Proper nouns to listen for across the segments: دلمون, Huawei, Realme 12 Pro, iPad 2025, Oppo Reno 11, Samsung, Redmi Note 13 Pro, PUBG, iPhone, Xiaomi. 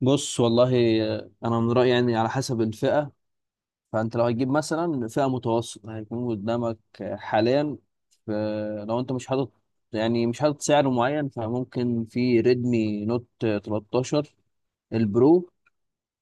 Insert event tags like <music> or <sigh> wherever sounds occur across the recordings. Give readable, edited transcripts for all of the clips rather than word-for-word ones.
بص والله، انا من رايي يعني على حسب الفئه. فانت لو هتجيب مثلا فئه متوسطه هيكون قدامك حاليا. لو انت مش حاطط سعر معين، فممكن في ريدمي نوت 13 البرو.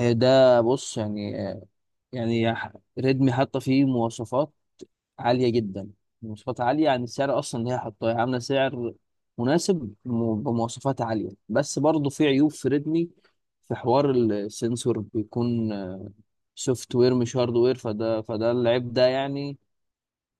ده بص يعني، يعني ح- ريدمي حاطه فيه مواصفات عالية جدا. مواصفات عالية عن السعر أصلا، اللي هي حاطاه، هي عاملة سعر مناسب بمواصفات عالية، بس برضه في عيوب في ريدمي. في حوار السنسور بيكون سوفت وير مش هارد وير، فده العيب ده يعني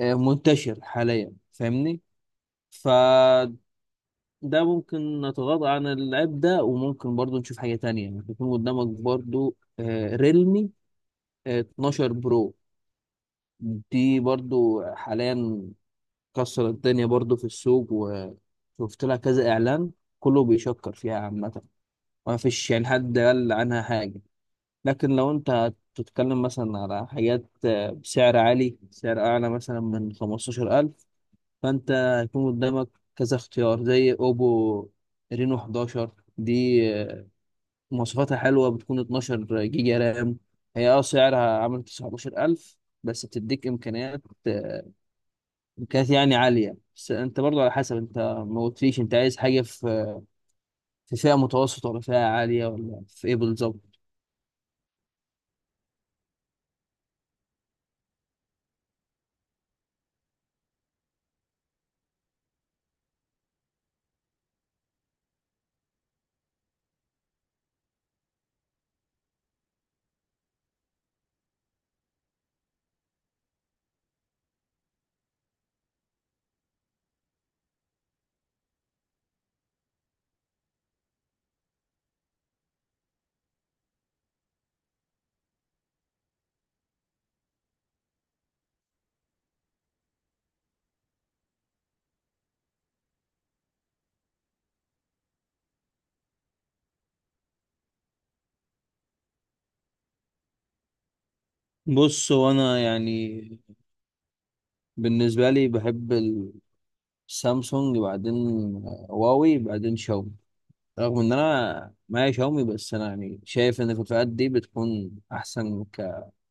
منتشر حاليا، فاهمني. فده ممكن نتغاضى عن العيب ده، وممكن برضه نشوف حاجة تانية يعني. يكون قدامك برضه ريلمي 12 برو، دي برضو حاليا كسر الدنيا برضو في السوق، وشفت لها كذا اعلان كله بيشكر فيها عامة. ما فيش يعني حد قال عنها حاجة. لكن لو انت تتكلم مثلا على حاجات بسعر عالي، سعر اعلى مثلا من 15000، فانت هيكون قدامك كذا اختيار زي اوبو رينو 11. دي آه، مواصفاتها حلوة، بتكون 12 جيجا رام. هي اه سعرها عامل 19000، بس بتديك امكانيات كانت يعني عالية. بس انت برضو على حسب انت، ما قلتليش انت عايز حاجة في في فئة متوسطة ولا فئة عالية ولا في ايه بالظبط. بص، هو انا يعني بالنسبة لي بحب السامسونج، بعدين هواوي، بعدين شاومي. رغم ان انا معايا شاومي، بس انا يعني شايف ان في الفئات دي بتكون احسن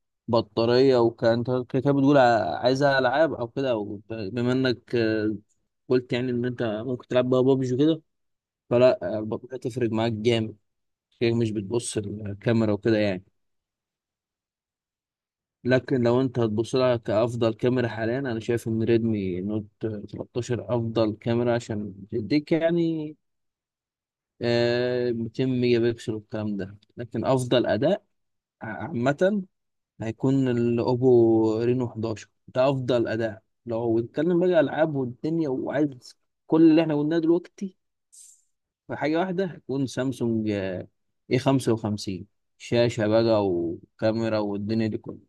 كبطارية. وكانت كده بتقول عايزها العاب او كده، او بما انك قلت يعني ان انت ممكن تلعب بقى بابجي وكده، فلا البطارية تفرق معاك جامد. هي مش بتبص الكاميرا وكده يعني. لكن لو انت هتبص لها كأفضل كاميرا حاليا، انا شايف ان ريدمي نوت 13 افضل كاميرا، عشان تديك يعني 200 ميجا بكسل والكلام ده. لكن افضل اداء عامة هيكون الاوبو رينو 11 ده. افضل اداء لو بنتكلم بقى العاب والدنيا، وعايز كل اللي احنا قلناه دلوقتي في حاجه واحده، هيكون سامسونج اي 55. شاشه بقى وكاميرا والدنيا دي كلها.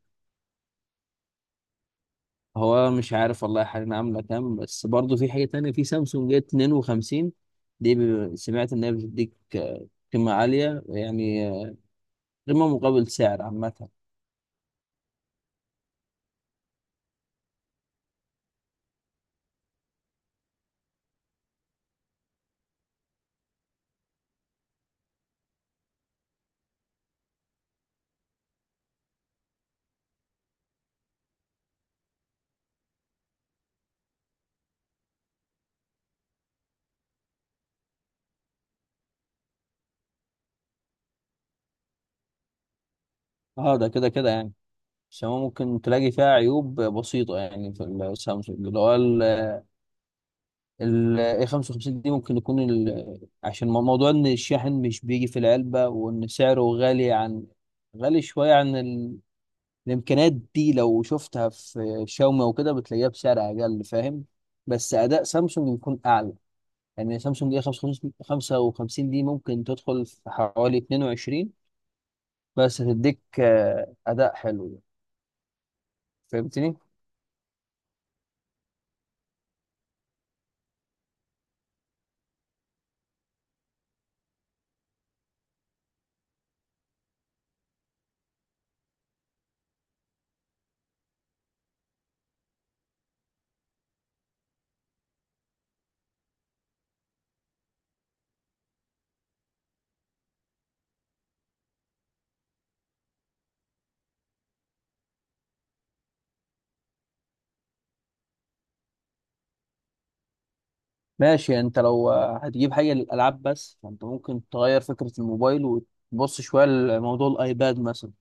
هو مش عارف والله حاليا عامله كام، بس برضه في حاجه تانية في سامسونج اي 52. دي سمعت ان هي بتديك قيمه عاليه يعني، قيمه مقابل سعر عامه. اه، ده كده كده يعني السماء ممكن تلاقي فيها عيوب بسيطة يعني. في السامسونج اللي هو ال اي 55 دي، ممكن يكون عشان موضوع ان الشاحن مش بيجي في العلبة، وان سعره غالي عن، غالي شوية عن الامكانيات دي لو شفتها في شاومي او كده بتلاقيها بسعر اقل، فاهم. بس اداء سامسونج بيكون اعلى. يعني سامسونج اي 55 دي ممكن تدخل في حوالي 22، بس هتديك اداء حلو يعني. فهمتني. ماشي، يعني انت لو هتجيب حاجه للالعاب بس، فانت ممكن تغير فكره الموبايل وتبص شويه لموضوع الايباد مثلا.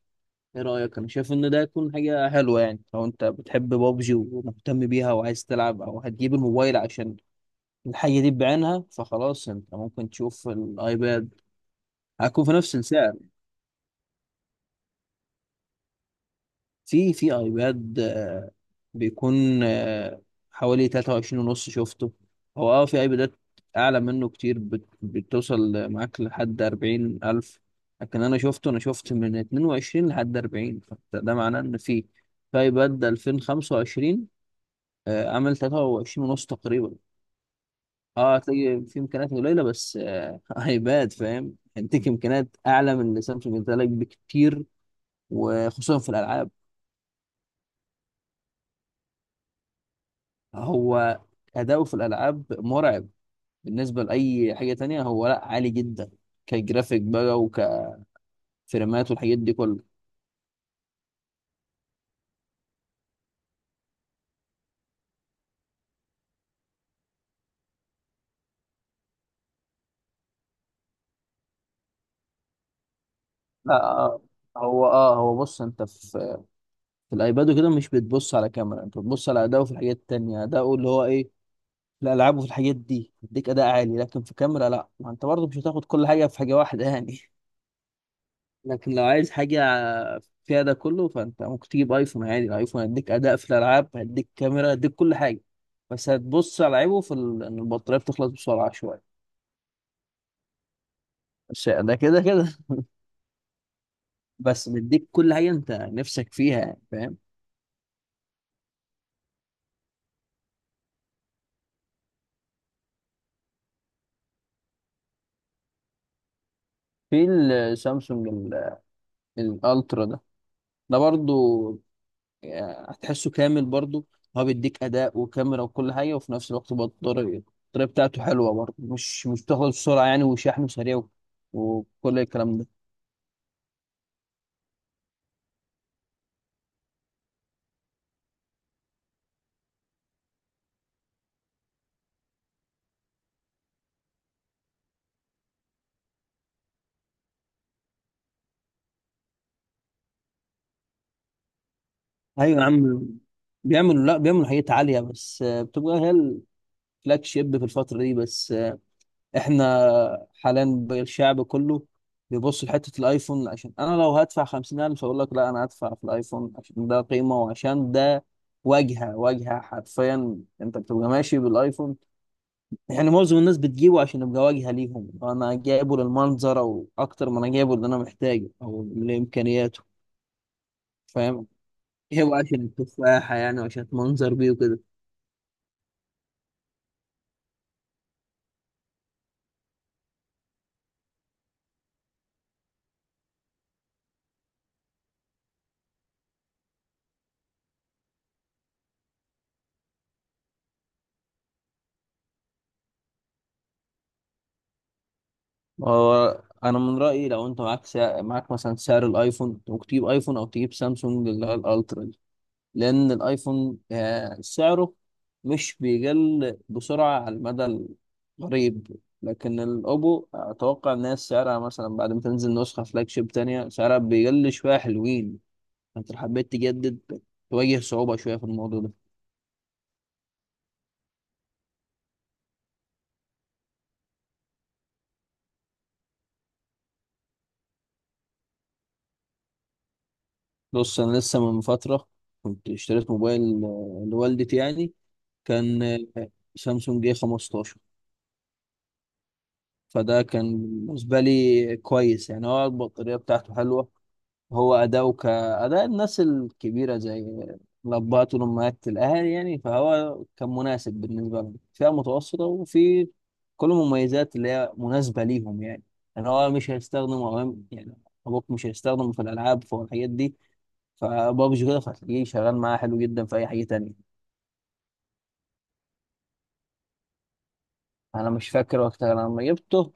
ايه رايك؟ انا شايف ان ده يكون حاجه حلوه يعني. لو انت بتحب بابجي ومهتم بيها وعايز تلعب، او هتجيب الموبايل عشان الحاجه دي بعينها، فخلاص انت ممكن تشوف الايباد. هيكون في نفس السعر. في في ايباد بيكون حوالي 23 ونص شفته. هو اه في ايبادات اعلى منه كتير بتوصل معاك لحد 40 الف، لكن انا شفت من 22 لحد 40. فده معناه ان في ايباد 2025 عامل 23 ونص تقريبا. اه، هتلاقي في امكانيات قليله بس <laughs> ايباد، فاهم، هيديك امكانيات اعلى من اللي سامسونج ادالك بكتير، وخصوصا في الالعاب. هو أداؤه في الألعاب مرعب. بالنسبة لأي حاجة تانية هو لأ، عالي جدا كجرافيك بقى، وكفريمات والحاجات دي كلها. لا هو بص، انت في الايباد وكده مش بتبص على كاميرا، انت بتبص على اداؤه في الحاجات التانية، اداؤه اللي هو ايه، في الالعاب وفي الحاجات دي بيديك اداء عالي. لكن في كاميرا لا، ما انت برضه مش هتاخد كل حاجة في حاجة واحدة يعني. لكن لو عايز حاجة فيها ده كله، فأنت ممكن تجيب أيفون عادي. الأيفون هيديك أداء في الألعاب، هيديك كاميرا، هيديك كل حاجة. بس هتبص على عيبه في إن البطارية بتخلص بسرعة شوية. بس ده كده كده <laughs> بس بيديك كل حاجة أنت نفسك فيها يعني، فاهم. في السامسونج الألترا ده، ده برضو يعني هتحسه كامل برضو. هو بيديك أداء وكاميرا وكل حاجة، وفي نفس الوقت بطارية. البطارية بتاعته حلوة برضو، مش بتخلص بسرعة يعني. وشحنه سريع وكل الكلام ده. ايوه يا عم، بيعملوا، لا، بيعملوا حاجات عاليه، بس بتبقى هي الفلاج شيب في الفتره دي. بس احنا حاليا بقى الشعب كله بيبص لحته الايفون. عشان انا لو هدفع 50000 اقول لك لا، انا هدفع في الايفون، عشان ده قيمه وعشان ده واجهه. واجهه حرفيا، انت بتبقى ماشي بالايفون. يعني معظم الناس بتجيبه عشان يبقى واجهه ليهم. انا جايبه للمنظر، او اكتر ما انا جايبه اللي انا محتاجه او لامكانياته، فاهم. هو عشان التفاحه يعني، وعشان منظر بيه وكده. هو انا من رايي لو انت معاك سعر، معاك مثلا سعر الايفون، انت ممكن تجيب ايفون او تجيب سامسونج اللي هي الالترا دي. لان الايفون سعره مش بيقل بسرعه على المدى القريب. لكن الاوبو اتوقع ان هي سعرها مثلا بعد ما تنزل نسخه فلاج شيب تانية سعرها بيقل شويه حلوين. فانت لو حبيت تجدد تواجه صعوبه شويه في الموضوع ده. بص، انا لسه من فتره كنت اشتريت موبايل لوالدتي يعني. كان آه، سامسونج اي 15. فده كان بالنسبة لي كويس يعني. هو البطارية بتاعته حلوة، هو أداؤه كأداء الناس الكبيرة، زي الأبهات والأمهات، الأهالي يعني. فهو كان مناسب بالنسبة لهم، فئة متوسطة، وفي كل المميزات اللي هي مناسبة ليهم يعني. يعني هو مش هيستخدم، أو يعني أبوك مش هيستخدم في الألعاب، في الحاجات دي، فبابجي كده، فهتلاقيه شغال معاه حلو جدا في أي حاجة تانية. أنا مش فاكر وقتها لما جبته،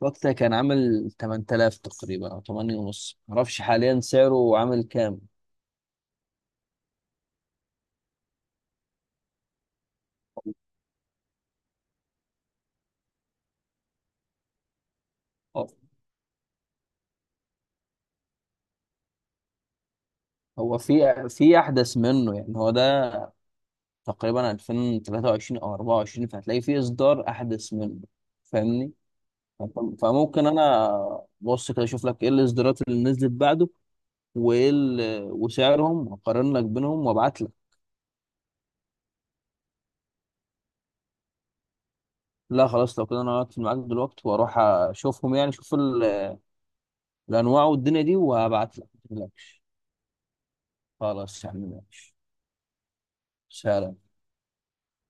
وقتها كان عامل 8000 تقريبا او 8 ونص، معرفش حاليا سعره عامل كام. أه، هو في احدث منه، يعني هو ده تقريبا 2023 او 24، فهتلاقي في اصدار احدث منه، فاهمني. فممكن انا، بص، كده اشوف لك ايه الاصدارات اللي نزلت بعده وايه وسعرهم، واقارن لك بينهم وابعت لك. لا خلاص، لو كده انا هقفل معاك دلوقتي واروح اشوفهم، يعني اشوف الانواع والدنيا دي، وهبعت لك متقلقش. خلاص يا عم، ماشي. سلام.